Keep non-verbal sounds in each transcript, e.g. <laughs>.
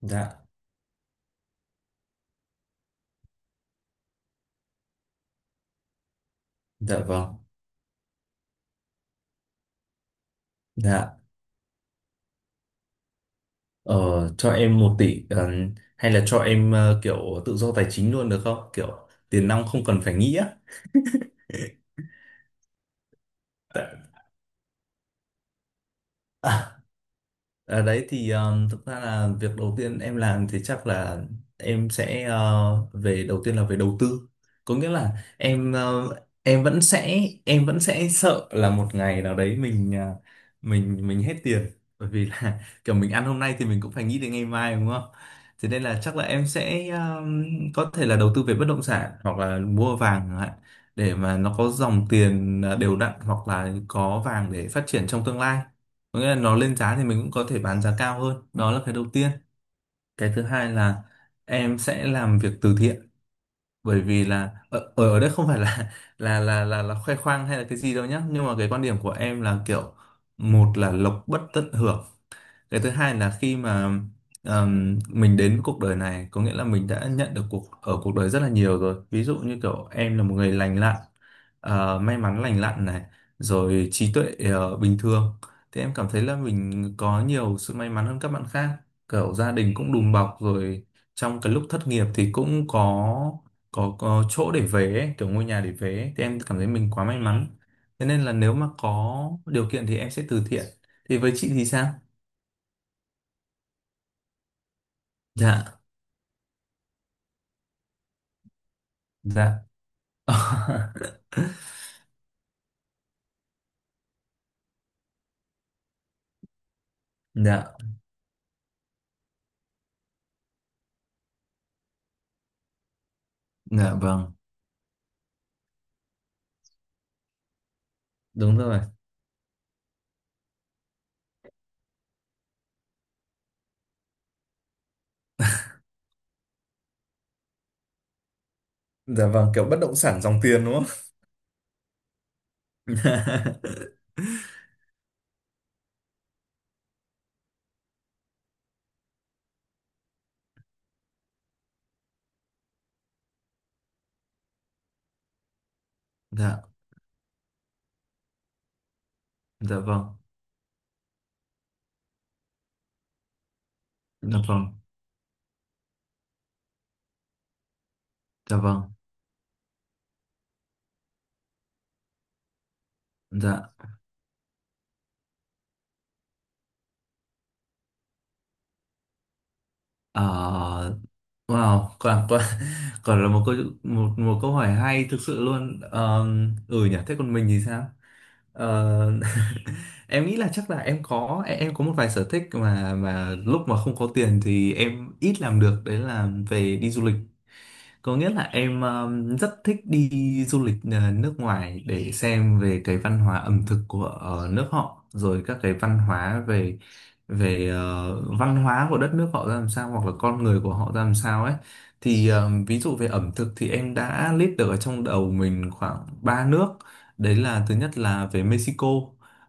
Dạ, dạ vâng, dạ. Ờ, cho em một tỷ hay là cho em kiểu tự do tài chính luôn được không? Kiểu tiền nong không cần phải nghĩ á. Dạ. <laughs> À, đấy thì thực ra là việc đầu tiên em làm thì chắc là em sẽ về đầu tiên là về đầu tư, có nghĩa là em ờ, em vẫn sẽ sợ là một ngày nào đấy mình ờ, mình hết tiền, bởi vì là <laughs> kiểu mình ăn hôm nay thì mình cũng phải nghĩ đến ngày mai đúng không? Thế nên là chắc là em sẽ có thể là đầu tư về bất động sản hoặc là mua vàng chẳng hạn để mà nó có dòng tiền đều đặn hoặc là có vàng để phát triển trong tương lai, có nghĩa là nó lên giá thì mình cũng có thể bán giá cao hơn. Đó là cái đầu tiên. Cái thứ hai là em sẽ làm việc từ thiện, bởi vì là ở ở ở đây không phải là <laughs> là khoe khoang hay là cái gì đâu nhá, nhưng mà cái quan điểm của em là kiểu một là lộc bất tận hưởng, cái thứ hai là khi mà mình đến với cuộc đời này, có nghĩa là mình đã nhận được cuộc ở cuộc đời rất là nhiều rồi, ví dụ như kiểu em là một người lành lặn, may mắn lành lặn này, rồi trí tuệ bình thường, thì em cảm thấy là mình có nhiều sự may mắn hơn các bạn khác, kiểu gia đình cũng đùm bọc rồi, trong cái lúc thất nghiệp thì cũng có có chỗ để về ấy, kiểu ngôi nhà để về ấy. Thì em cảm thấy mình quá may mắn, thế nên là nếu mà có điều kiện thì em sẽ từ thiện. Thì với chị thì sao? Dạ. Dạ. <laughs> Dạ. Dạ vâng. Đúng rồi. Dạ vâng, kiểu bất động sản dòng tiền đúng không? <laughs> Dạ. Dạ vâng. Dạ vâng. Dạ vâng. Dạ. Ờ, wow, quả quả <laughs> quả là một câu, một một câu hỏi hay thực sự luôn. Ờ, ừ nhỉ, thế còn mình thì sao? Ờ, <laughs> em nghĩ là chắc là em có một vài sở thích mà lúc mà không có tiền thì em ít làm được, đấy là về đi du lịch. Có nghĩa là em rất thích đi du lịch nước ngoài để xem về cái văn hóa ẩm thực của nước họ, rồi các cái văn hóa về về ờ, văn hóa của đất nước họ ra làm sao hoặc là con người của họ ra làm sao ấy. Thì ví dụ về ẩm thực thì em đã list được ở trong đầu mình khoảng 3 nước. Đấy là thứ nhất là về Mexico,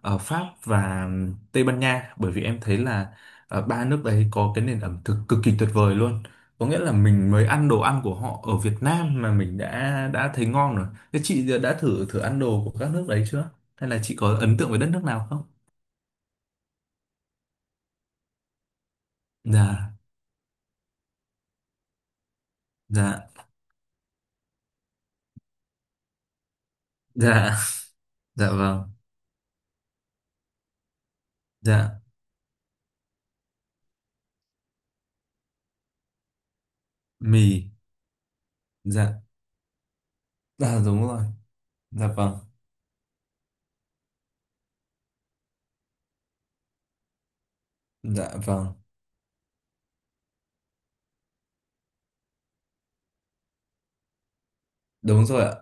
Pháp và Tây Ban Nha, bởi vì em thấy là ba nước đấy có cái nền ẩm thực cực kỳ tuyệt vời luôn, có nghĩa là mình mới ăn đồ ăn của họ ở Việt Nam mà mình đã thấy ngon rồi. Thế chị đã thử thử ăn đồ của các nước đấy chưa? Hay là chị có ấn tượng với đất nước nào không? Dạ. Dạ. Dạ. Dạ vâng. Dạ. Mì. Dạ. Dạ đúng rồi. Dạ vâng. Dạ vâng. Đúng rồi ạ.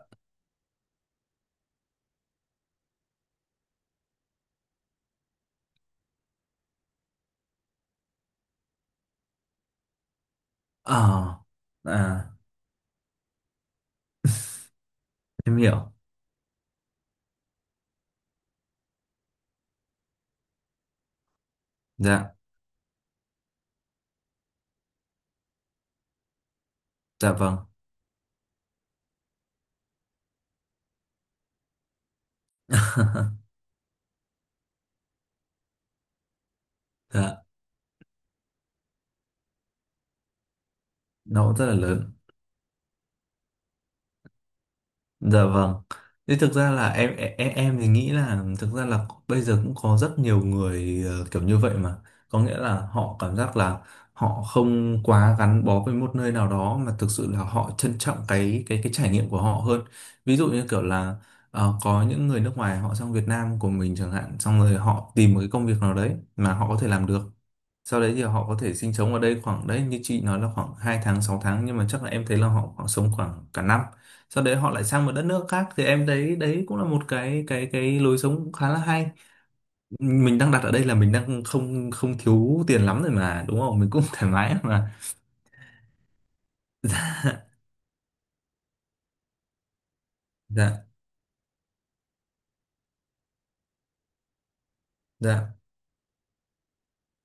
Ờ, À, em hiểu. Dạ. Dạ vâng. <laughs> Dạ. Nó cũng rất là lớn. Dạ vâng. Thế thực ra là em thì nghĩ là thực ra là bây giờ cũng có rất nhiều người kiểu như vậy mà. Có nghĩa là họ cảm giác là họ không quá gắn bó với một nơi nào đó mà thực sự là họ trân trọng cái trải nghiệm của họ hơn. Ví dụ như kiểu là có những người nước ngoài họ sang Việt Nam của mình chẳng hạn, xong rồi họ tìm một cái công việc nào đấy mà họ có thể làm được, sau đấy thì họ có thể sinh sống ở đây khoảng đấy như chị nói là khoảng 2 tháng 6 tháng, nhưng mà chắc là em thấy là họ khoảng sống khoảng cả năm, sau đấy họ lại sang một đất nước khác. Thì em thấy đấy cũng là một cái lối sống cũng khá là hay, mình đang đặt ở đây là mình đang không không thiếu tiền lắm rồi mà đúng không, mình cũng <laughs> thoải mái mà. <laughs> Dạ. Dạ.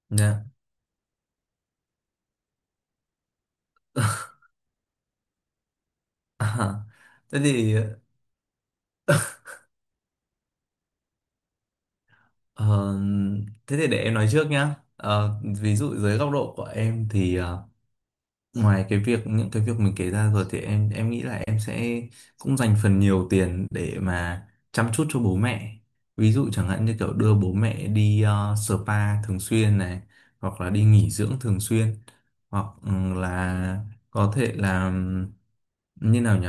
Dạ. <laughs> À, thế thì ờ, thế thì để em nói trước nhá. Ví dụ dưới góc độ của em thì ngoài cái việc những cái việc mình kể ra rồi thì em nghĩ là em sẽ cũng dành phần nhiều tiền để mà chăm chút cho bố mẹ, ví dụ chẳng hạn như kiểu đưa bố mẹ đi spa thường xuyên này, hoặc là đi nghỉ dưỡng thường xuyên, hoặc là có thể là như nào nhỉ.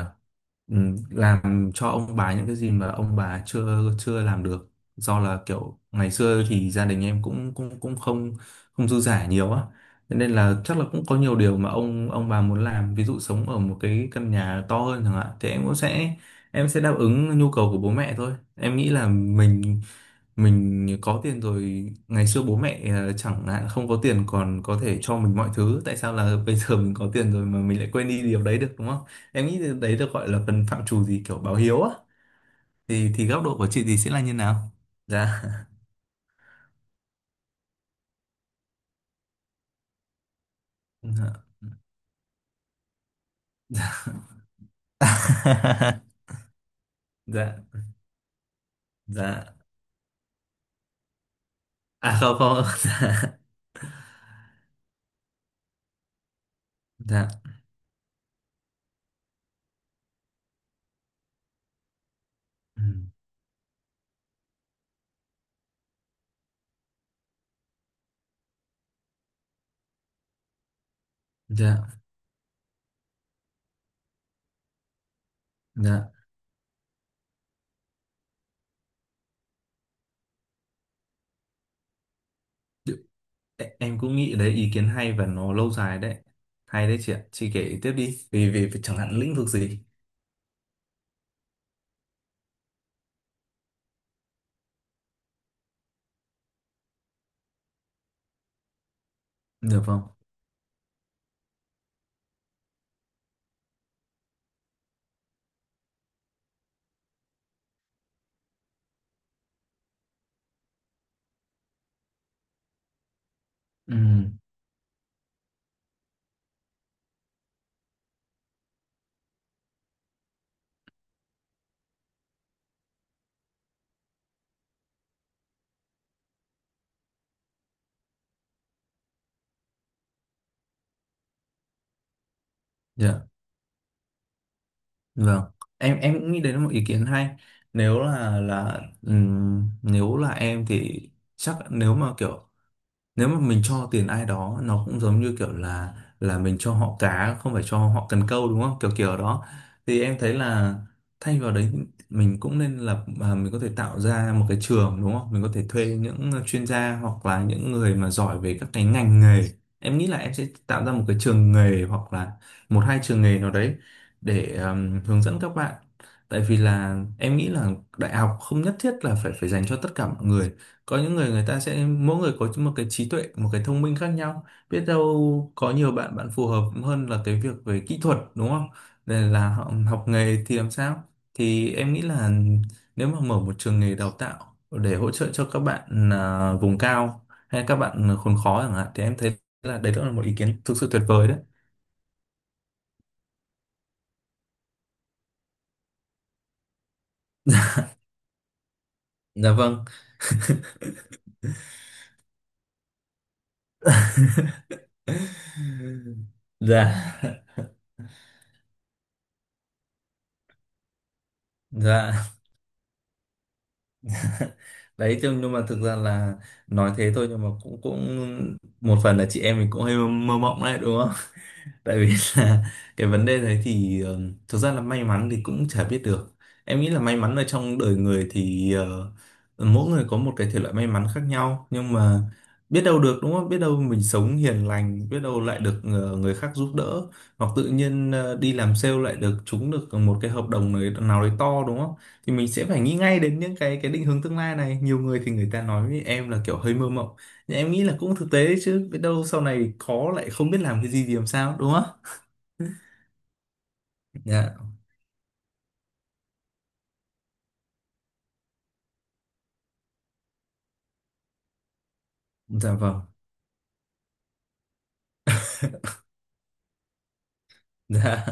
Làm cho ông bà những cái gì mà ông bà chưa chưa làm được, do là kiểu ngày xưa thì gia đình em cũng cũng cũng không không dư dả nhiều á. Thế nên là chắc là cũng có nhiều điều mà ông bà muốn làm, ví dụ sống ở một cái căn nhà to hơn chẳng hạn, thì em cũng sẽ em sẽ đáp ứng nhu cầu của bố mẹ thôi. Em nghĩ là mình có tiền rồi, ngày xưa bố mẹ chẳng hạn không có tiền còn có thể cho mình mọi thứ, tại sao là <laughs> bây giờ mình có tiền rồi mà mình lại quên đi điều đấy được đúng không? Em nghĩ đấy được gọi là phần phạm trù gì kiểu báo hiếu á. Thì góc độ của chị thì sẽ là như nào? Dạ. <laughs> Dạ. Dạ. Dạ. À không không. <laughs> Dạ. Dạ. Ừ. Dạ. Dạ. Đ- em cũng nghĩ đấy ý kiến hay và nó lâu dài đấy. Hay đấy chị ạ, chị kể tiếp đi, vì vì vì chẳng hạn lĩnh vực gì được không? Ừ. Dạ vâng. Em cũng nghĩ đấy là một ý kiến hay. Nếu là nếu là em thì chắc nếu mà kiểu nếu mà mình cho tiền ai đó, nó cũng giống như kiểu là mình cho họ cá không phải cho họ cần câu đúng không, kiểu kiểu đó. Thì em thấy là thay vào đấy mình cũng nên lập à, mình có thể tạo ra một cái trường đúng không, mình có thể thuê những chuyên gia hoặc là những người mà giỏi về các cái ngành nghề. Em nghĩ là em sẽ tạo ra một cái trường nghề hoặc là một hai trường nghề nào đấy để hướng dẫn các bạn. Tại vì là em nghĩ là đại học không nhất thiết là phải phải dành cho tất cả mọi người. Có những người người ta sẽ mỗi người có một cái trí tuệ một cái thông minh khác nhau, biết đâu có nhiều bạn bạn phù hợp hơn là cái việc về kỹ thuật đúng không, nên là họ học nghề thì làm sao. Thì em nghĩ là nếu mà mở một trường nghề đào tạo để hỗ trợ cho các bạn à, vùng cao hay các bạn khốn khó chẳng hạn, thì em thấy là đấy cũng là một ý kiến thực sự tuyệt vời đấy. Dạ vâng. <laughs> Dạ. Dạ. <laughs> Đấy thế nhưng mà thực ra là nói thế thôi, nhưng mà cũng cũng một phần là chị em mình cũng hơi mơ mộng đấy đúng, tại vì <laughs> là cái vấn đề đấy thì thực ra là may mắn thì cũng chả biết được. Em nghĩ là may mắn ở trong đời người thì mỗi người có một cái thể loại may mắn khác nhau, nhưng mà biết đâu được đúng không, biết đâu mình sống hiền lành biết đâu lại được người khác giúp đỡ, hoặc tự nhiên đi làm sale lại được trúng được một cái hợp đồng nào nào đấy to đúng không? Thì mình sẽ phải nghĩ ngay đến những cái định hướng tương lai này. Nhiều người thì người ta nói với em là kiểu hơi mơ mộng, thì em nghĩ là cũng thực tế đấy chứ, biết đâu sau này có lại không biết làm cái gì thì làm sao đúng không? Dạ. Dạ vâng. Dạ.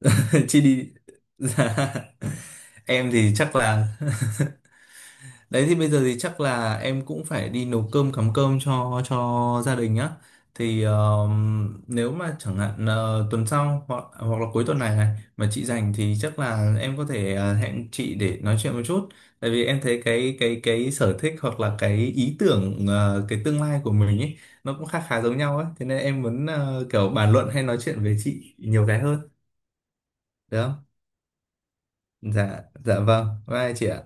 <laughs> Chị đi. Dạ. <laughs> Em thì chắc là. <laughs> Đấy thì bây giờ thì chắc là em cũng phải đi nấu cơm cắm cơm cho gia đình á. Thì nếu mà chẳng hạn tuần sau hoặc hoặc là cuối tuần này này mà chị rảnh thì chắc là em có thể hẹn chị để nói chuyện một chút. Tại vì em thấy cái sở thích hoặc là cái ý tưởng cái tương lai của mình ấy nó cũng khá khá giống nhau ấy. Thế nên em muốn kiểu bàn luận hay nói chuyện với chị nhiều cái hơn, được không? Dạ dạ vâng. Bye chị ạ.